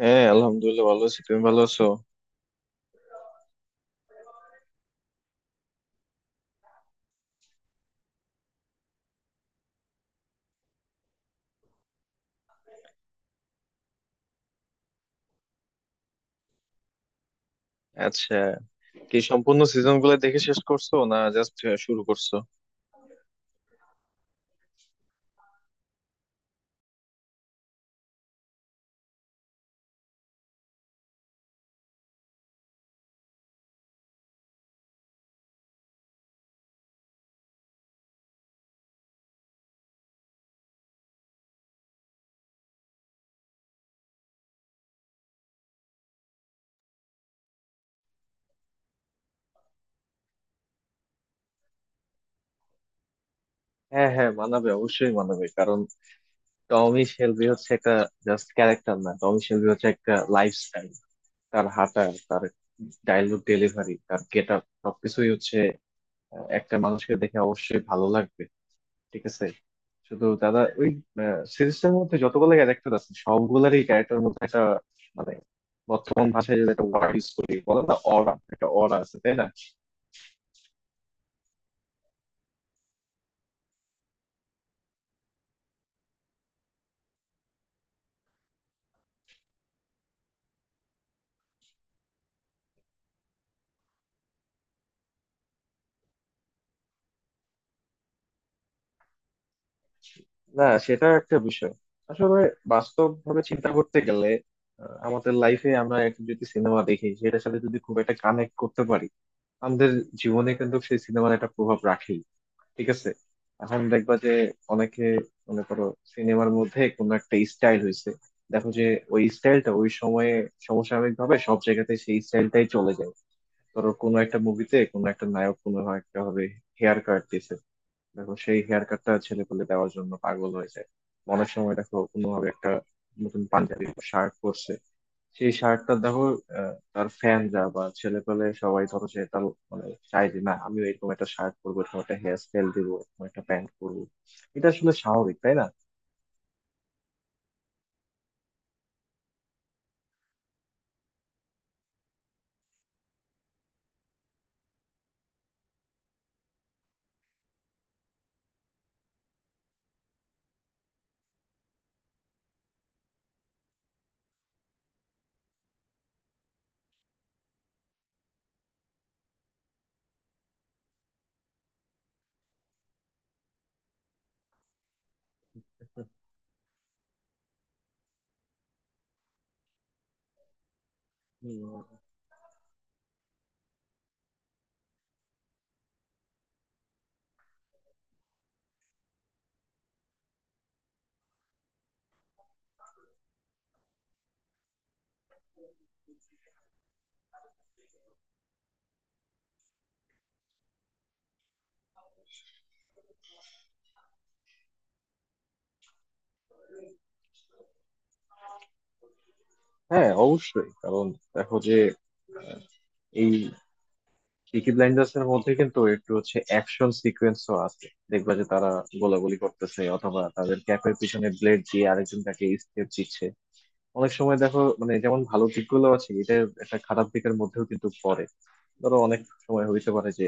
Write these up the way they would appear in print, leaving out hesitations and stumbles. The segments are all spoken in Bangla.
হ্যাঁ, আলহামদুলিল্লাহ, ভালো আছি। তুমি ভালো আছো? আচ্ছা, কি সম্পূর্ণ সিজন গুলো দেখে শেষ করছো, না জাস্ট শুরু করছো? হ্যাঁ হ্যাঁ, মানাবে, অবশ্যই মানাবে। কারণ টমি শেলবি হচ্ছে একটা জাস্ট ক্যারেক্টার না, টমি শেলবি হচ্ছে একটা লাইফস্টাইল। তার হাঁটা, তার ডায়লগ ডেলিভারি, তার গেট আপ সবকিছুই হচ্ছে একটা মানুষকে দেখে অবশ্যই ভালো লাগবে। ঠিক আছে, শুধু দাদা ওই সিরিজটার মধ্যে যতগুলো ক্যারেক্টার আছে সবগুলোরই ক্যারেক্টার মধ্যে একটা মানে বর্তমান ভাষায় যেটা একটা ওয়ার্ড ইউজ করি, বলে না অরা, একটা অরা আছে তাই না। না, সেটা একটা বিষয় আসলে। বাস্তব ভাবে চিন্তা করতে গেলে আমাদের লাইফে আমরা একটা যদি সিনেমা দেখি, সেটার সাথে যদি খুব একটা কানেক্ট করতে পারি, আমাদের জীবনে কিন্তু সেই সিনেমার একটা প্রভাব রাখে। ঠিক আছে, এখন দেখবা যে অনেকে, মনে করো সিনেমার মধ্যে কোনো একটা স্টাইল হয়েছে, দেখো যে ওই স্টাইলটা ওই সময়ে সমসাময়িক ভাবে সব জায়গাতে সেই স্টাইলটাই চলে যায়। ধরো কোনো একটা মুভিতে কোনো একটা নায়ক কোনো একটা হবে হেয়ার কাট দিছে, দেখো সেই হেয়ার কাটটা ছেলে পেলে দেওয়ার জন্য পাগল হয়ে যায়। অনেক সময় দেখো কোনো ভাবে একটা নতুন পাঞ্জাবি শার্ট পরছে, সেই শার্টটা দেখো তার ফ্যানরা বা ছেলে পেলে সবাই ধরো যে তার মানে চাই যে না আমিও এরকম একটা শার্ট পরবো, এরকম একটা হেয়ার স্টাইল দিবো, এরকম একটা প্যান্ট পরবো। এটা আসলে স্বাভাবিক তাই না? উম, হ্যাঁ, অবশ্যই। কারণ দেখো যে আহ, এই পিকি ব্লাইন্ডার্স এর মধ্যে কিন্তু একটু হচ্ছে অ্যাকশন সিকোয়েন্সও আছে। দেখবা যে তারা গোলাগুলি করতেছে, অথবা তাদের ক্যাপের পিছনে ব্লেড দিয়ে আরেকজন তাকে স্টেপ দিচ্ছে। অনেক সময় দেখো মানে যেমন ভালো দিকগুলো আছে, এটা একটা খারাপ দিকের মধ্যেও কিন্তু পড়ে। ধরো অনেক সময় হইতে পারে যে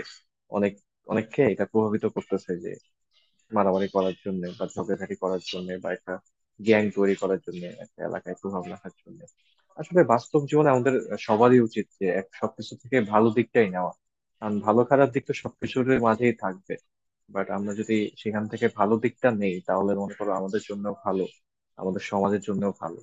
অনেক, অনেককে এটা প্রভাবিত করতেছে যে মারামারি করার জন্য বা ঝগড়াঝাটি করার জন্য বা একটা গ্যাং তৈরি করার জন্য, একটা এলাকায় প্রভাব রাখার জন্য। আসলে বাস্তব জীবনে আমাদের সবারই উচিত যে এক সবকিছু থেকে ভালো দিকটাই নেওয়া। কারণ ভালো খারাপ দিক তো সবকিছুর মাঝেই থাকবে, বাট আমরা যদি সেখান থেকে ভালো দিকটা নেই তাহলে মনে করো আমাদের জন্য ভালো, আমাদের সমাজের জন্য ভালো।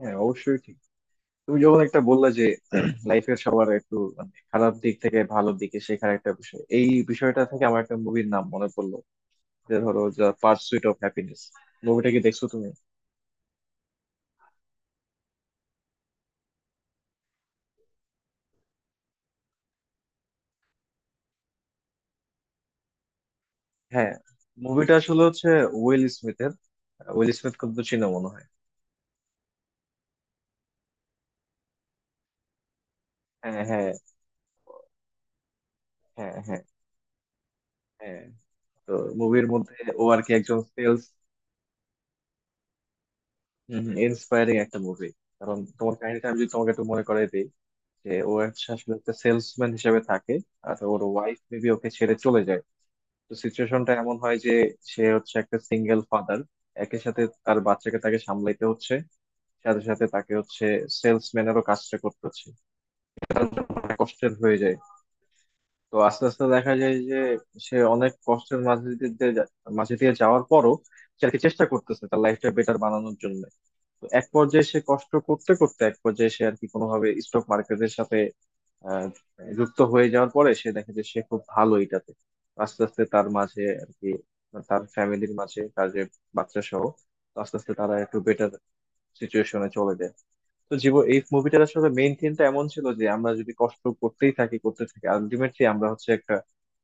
হ্যাঁ, অবশ্যই ঠিক। তুমি যখন একটা বললা যে লাইফের সবার একটু মানে খারাপ দিক থেকে ভালো দিকে শেখার একটা বিষয়, এই বিষয়টা থেকে আমার একটা মুভির নাম মনে পড়লো। যে ধরো দ্য পার্সুইট অফ হ্যাপিনেস, মুভিটা কি দেখছো তুমি? হ্যাঁ, মুভিটা আসলে হচ্ছে উইল স্মিথের। উইল স্মিথ কিন্তু চিনো মনে হয়। হ্যাঁ হ্যাঁ, হ্যাঁ হ্যাঁ, হ্যাঁ। তো মুভির মধ্যে ও আর কি একজন সেলস, ইন্সপায়ারিং একটা মুভি। কারণ তোমার কাহিনীটা আমি যদি তোমাকে একটু মনে করাই দিই, যে ও হচ্ছে আসলে একটা সেলসম্যান হিসেবে থাকে। আর ওর ওয়াইফ মেবি ওকে ছেড়ে চলে যায়। তো সিচুয়েশনটা এমন হয় যে সে হচ্ছে একটা সিঙ্গেল ফাদার। একই সাথে তার বাচ্চাকে তাকে সামলাইতে হচ্ছে, সাথে সাথে তাকে হচ্ছে সেলসম্যানেরও কাজটা করতে হচ্ছে। তার জন্য অনেক কষ্টের হয়ে যায়। তো আস্তে আস্তে দেখা যায় যে সে অনেক কষ্টের মাঝে দিয়ে দিয়ে মাঝে দিয়ে যাওয়ার পরও সে আর কি চেষ্টা করতেছে তার লাইফটা বেটার বানানোর জন্য। তো এক পর্যায়ে সে কষ্ট করতে করতে এক পর্যায়ে সে আর কি কোনোভাবে স্টক মার্কেটের সাথে আহ, যুক্ত হয়ে যাওয়ার পরে সে দেখে যে সে খুব ভালো এটাতে। আস্তে আস্তে তার মাঝে আর কি, তার ফ্যামিলির মাঝে তার যে বাচ্চা সহ, তো আস্তে আস্তে তারা একটু বেটার সিচুয়েশনে চলে যায়। তো জীবন, এই মুভিটার আসলে মেইন থিমটা এমন ছিল যে আমরা যদি কষ্ট করতেই থাকি, করতে থাকি, আলটিমেটলি আমরা হচ্ছে একটা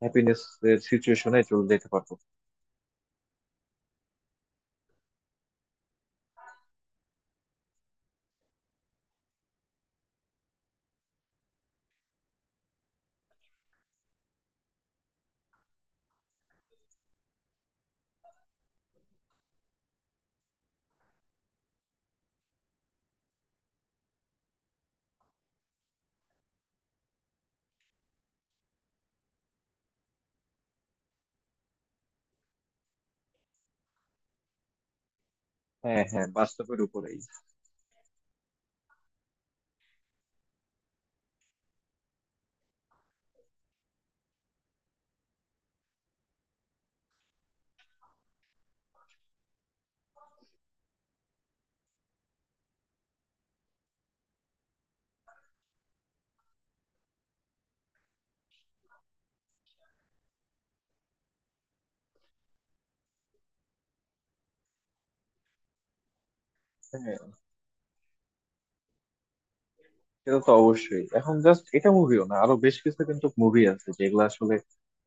হ্যাপিনেস এর সিচুয়েশনে চলে যেতে পারবো। হ্যাঁ হ্যাঁ, বাস্তবের উপরেই। হ্যাঁ, এটা তো অবশ্যই। এখন জাস্ট এটা মুভিও না, আরো বেশ কিছু কিন্তু মুভি আছে যেগুলো আসলে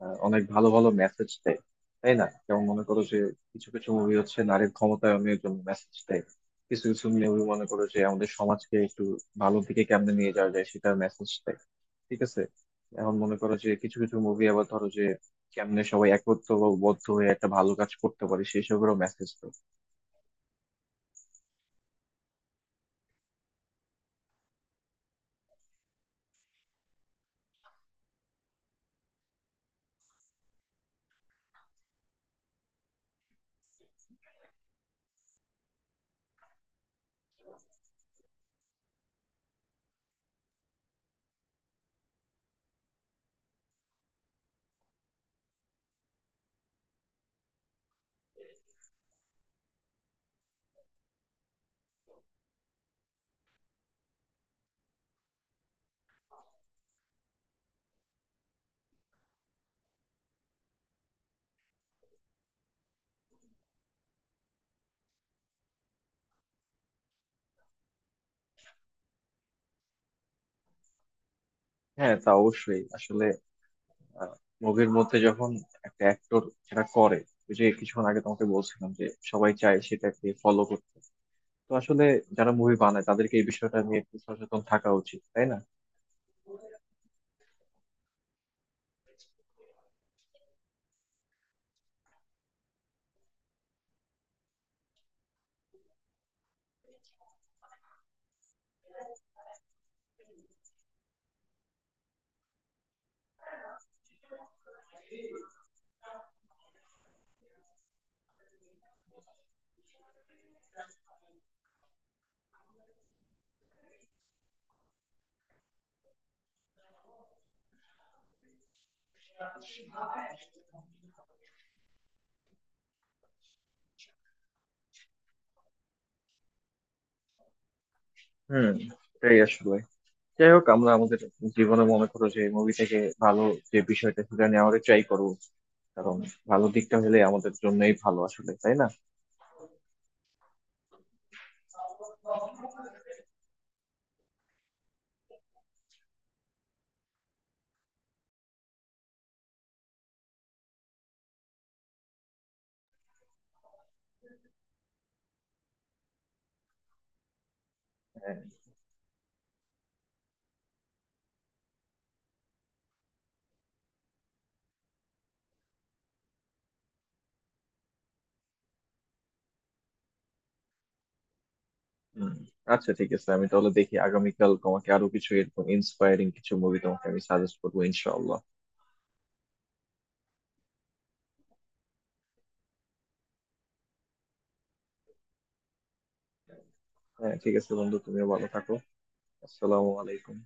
অনেক ভালো ভালো মেসেজ দেয়। তাই না? যেমন মনে করো যে কিছু কিছু মুভি হচ্ছে নারীর ক্ষমতায়নের জন্য মেসেজ দেয়। কিছু কিছু মুভি মনে করো যে আমাদের সমাজকে একটু ভালো দিকে কেমনে নিয়ে যাওয়া যায় সেটা মেসেজ দেয়। ঠিক আছে, এখন মনে করো যে কিছু কিছু মুভি আবার ধরো যে কেমনে সবাই একত্র বা বদ্ধ হয়ে একটা ভালো কাজ করতে পারে সেই সবেরও মেসেজ দেয়। হ্যাঁ, তা অবশ্যই। আসলে আহ, মুভির মধ্যে যখন একটা অ্যাক্টর সেটা করে, ওই যে কিছুক্ষণ আগে তোমাকে বলছিলাম যে সবাই চায় সেটাকে ফলো করতে। তো আসলে যারা মুভি বানায় তাদেরকে এই বিষয়টা নিয়ে একটু সচেতন থাকা উচিত তাই না? হুম, এটাই আসলে। যাই হোক, আমরা আমাদের জীবনে মনে করো যে মুভি থেকে ভালো যে বিষয়টা সেটা নেওয়ার ট্রাই করবো। কারণ ভালো দিকটা হলে আমাদের জন্যই ভালো আসলে তাই না? হ্যাঁ। হুম। আচ্ছা, ঠিক আছে, আমি তাহলে দেখি আগামীকাল তোমাকে আরো কিছু এরকম ইন্সপায়ারিং কিছু মুভি তোমাকে আমি সাজেস্ট করবো ইনশাআল্লাহ। হ্যাঁ ঠিক আছে বন্ধু, তুমিও ভালো থাকো। আসসালামু আলাইকুম।